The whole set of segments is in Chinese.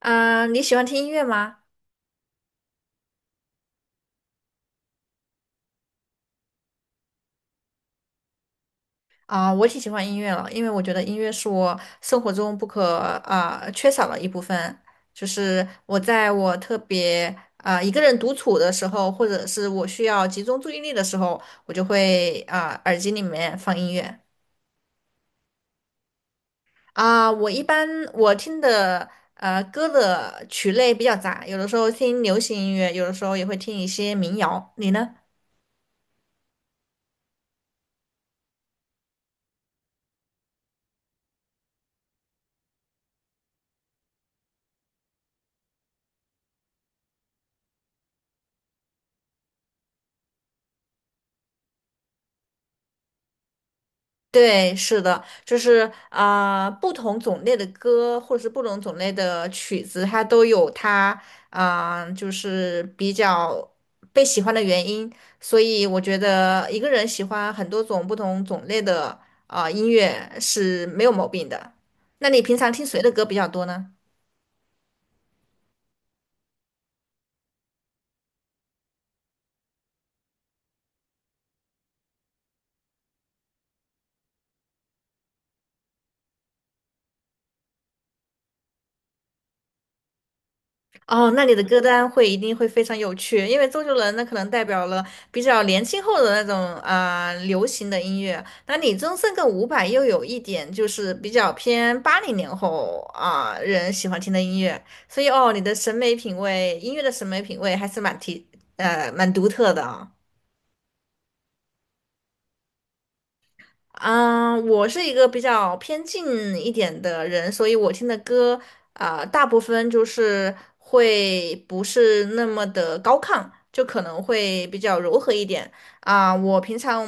嗯，你喜欢听音乐吗？我挺喜欢音乐了，因为我觉得音乐是我生活中不可缺少的一部分。就是我在我特别一个人独处的时候，或者是我需要集中注意力的时候，我就会耳机里面放音乐。我一般我听的歌的曲类比较杂，有的时候听流行音乐，有的时候也会听一些民谣。你呢？对，是的，就是不同种类的歌或者是不同种类的曲子，它都有它就是比较被喜欢的原因。所以我觉得一个人喜欢很多种不同种类的音乐是没有毛病的。那你平常听谁的歌比较多呢？哦，那你的歌单一定会非常有趣，因为周杰伦那可能代表了比较年轻后的那种流行的音乐，那李宗盛跟伍佰又有一点就是比较偏80年后人喜欢听的音乐，所以哦，你的审美品味，音乐的审美品味还是蛮独特的嗯，我是一个比较偏静一点的人，所以我听的歌大部分就是会不是那么的高亢，就可能会比较柔和一点啊。我平常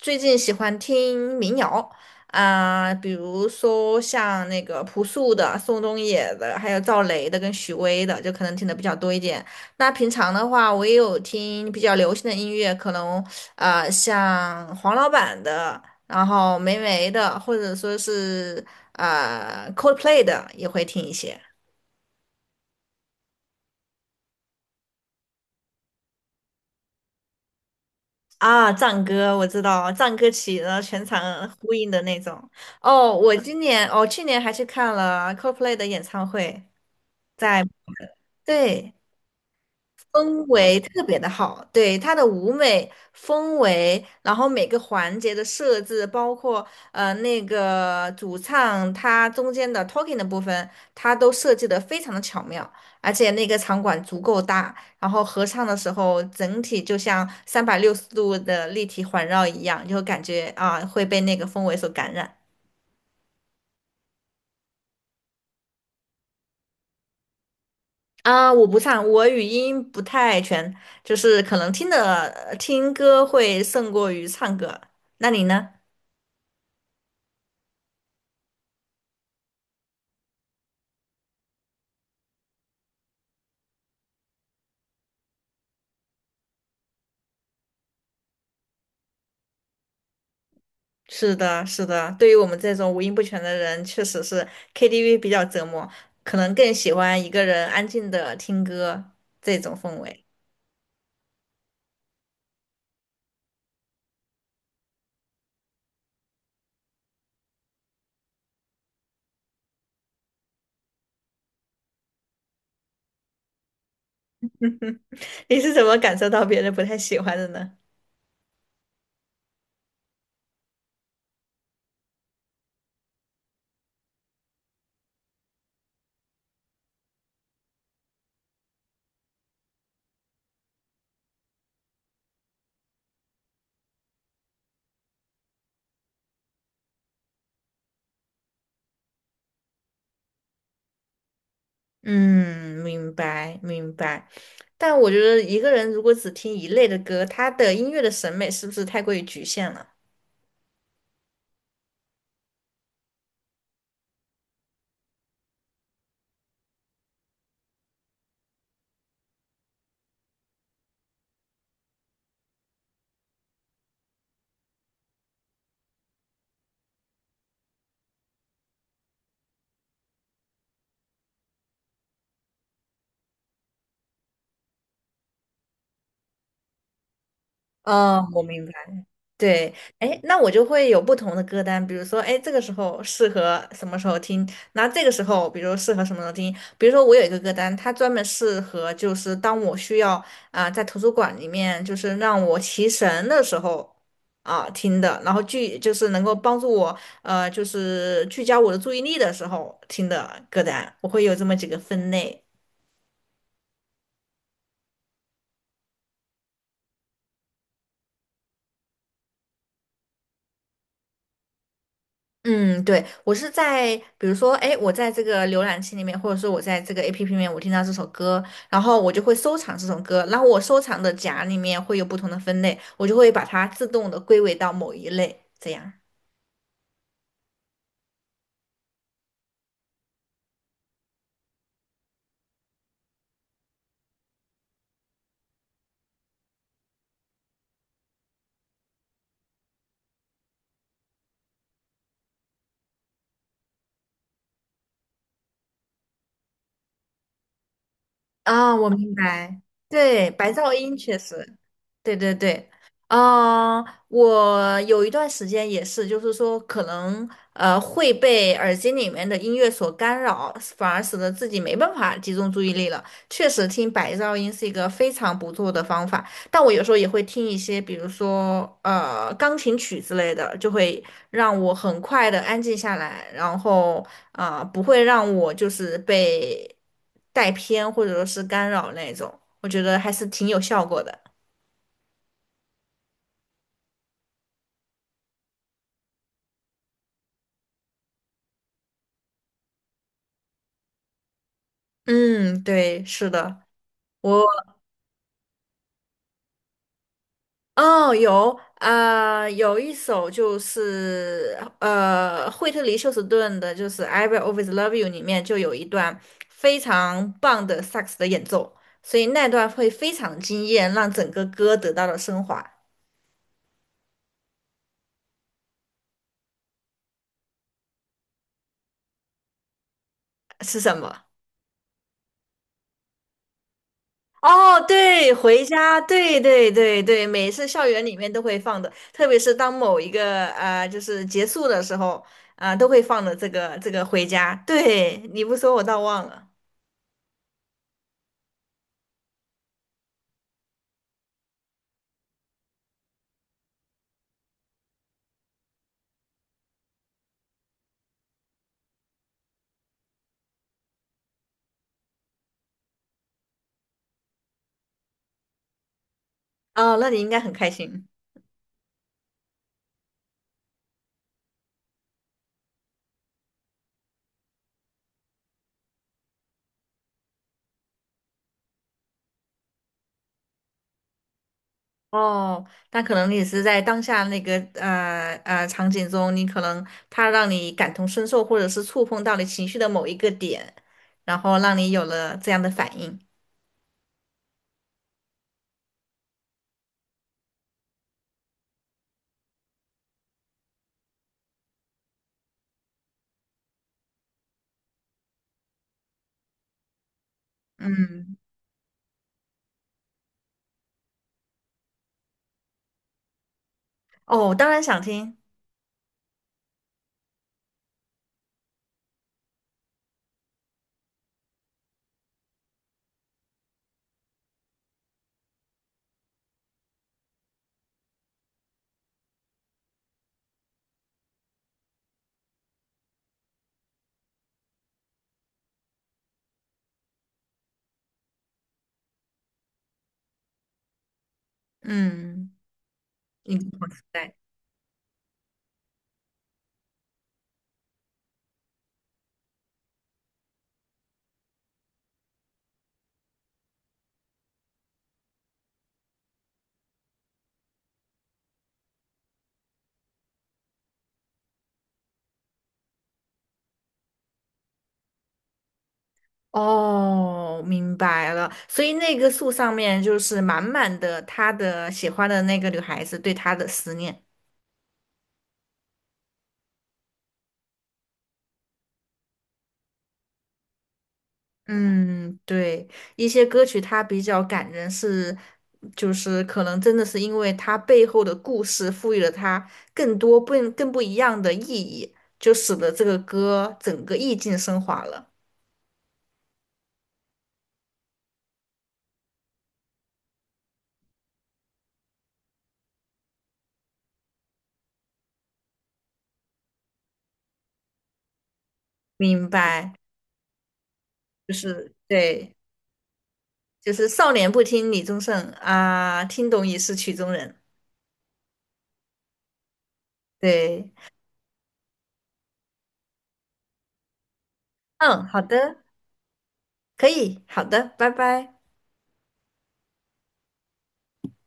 最近喜欢听民谣比如说像那个朴树的、宋冬野的，还有赵雷的跟许巍的，就可能听的比较多一点。那平常的话，我也有听比较流行的音乐，可能像黄老板的。然后霉霉的，或者说是Coldplay 的也会听一些。藏歌我知道，藏歌起，然后全场呼应的那种。哦，我今年哦，去年还去看了 Coldplay 的演唱会，在。对。氛围特别的好，对，它的舞美氛围，然后每个环节的设置，包括那个主唱他中间的 talking 的部分，它都设计的非常的巧妙，而且那个场馆足够大，然后合唱的时候整体就像360度的立体环绕一样，就感觉会被那个氛围所感染。我不唱，我语音不太全，就是可能听的听歌会胜过于唱歌。那你呢？是的，是的，对于我们这种五音不全的人，确实是 KTV 比较折磨，可能更喜欢一个人安静的听歌这种氛围。你是怎么感受到别人不太喜欢的呢？嗯，明白明白。但我觉得一个人如果只听一类的歌，他的音乐的审美是不是太过于局限了？哦，我明白。对，哎，那我就会有不同的歌单，比如说，哎，这个时候适合什么时候听，那这个时候，比如适合什么时候听，比如说我有一个歌单，它专门适合就是当我需要在图书馆里面就是让我提神的时候听的，然后就是能够帮助我就是聚焦我的注意力的时候听的歌单，我会有这么几个分类。嗯，对，我是在，比如说，哎，我在这个浏览器里面，或者说我在这个 APP 里面，我听到这首歌，然后我就会收藏这首歌，然后我收藏的夹里面会有不同的分类，我就会把它自动的归为到某一类，这样。我明白，对，白噪音确实。对对对，啊、我有一段时间也是，就是说可能会被耳机里面的音乐所干扰，反而使得自己没办法集中注意力了。确实，听白噪音是一个非常不错的方法，但我有时候也会听一些，比如说钢琴曲之类的，就会让我很快的安静下来，然后不会让我就是被带偏或者说是干扰那种，我觉得还是挺有效果的。嗯，对，是的，我哦有一首就是惠特尼休斯顿的，就是《I Will Always Love You》里面就有一段非常棒的萨克斯的演奏，所以那段会非常惊艳，让整个歌得到了升华。是什么？哦，对，回家，对对对对，每次校园里面都会放的，特别是当某一个就是结束的时候都会放的这个回家。对，你不说我倒忘了。哦，那你应该很开心。哦，那可能你是在当下那个场景中，你可能它让你感同身受，或者是触碰到你情绪的某一个点，然后让你有了这样的反应。嗯，哦，我当然想听。嗯，你我期待。哦，明白了。所以那个树上面就是满满的他的喜欢的那个女孩子对他的思念。嗯，对，一些歌曲它比较感人是，就是可能真的是因为它背后的故事赋予了它更多不更不一样的意义，就使得这个歌整个意境升华了。明白，就是对，就是少年不听李宗盛啊，听懂已是曲中人。对，嗯，好的。可以，好的，拜拜。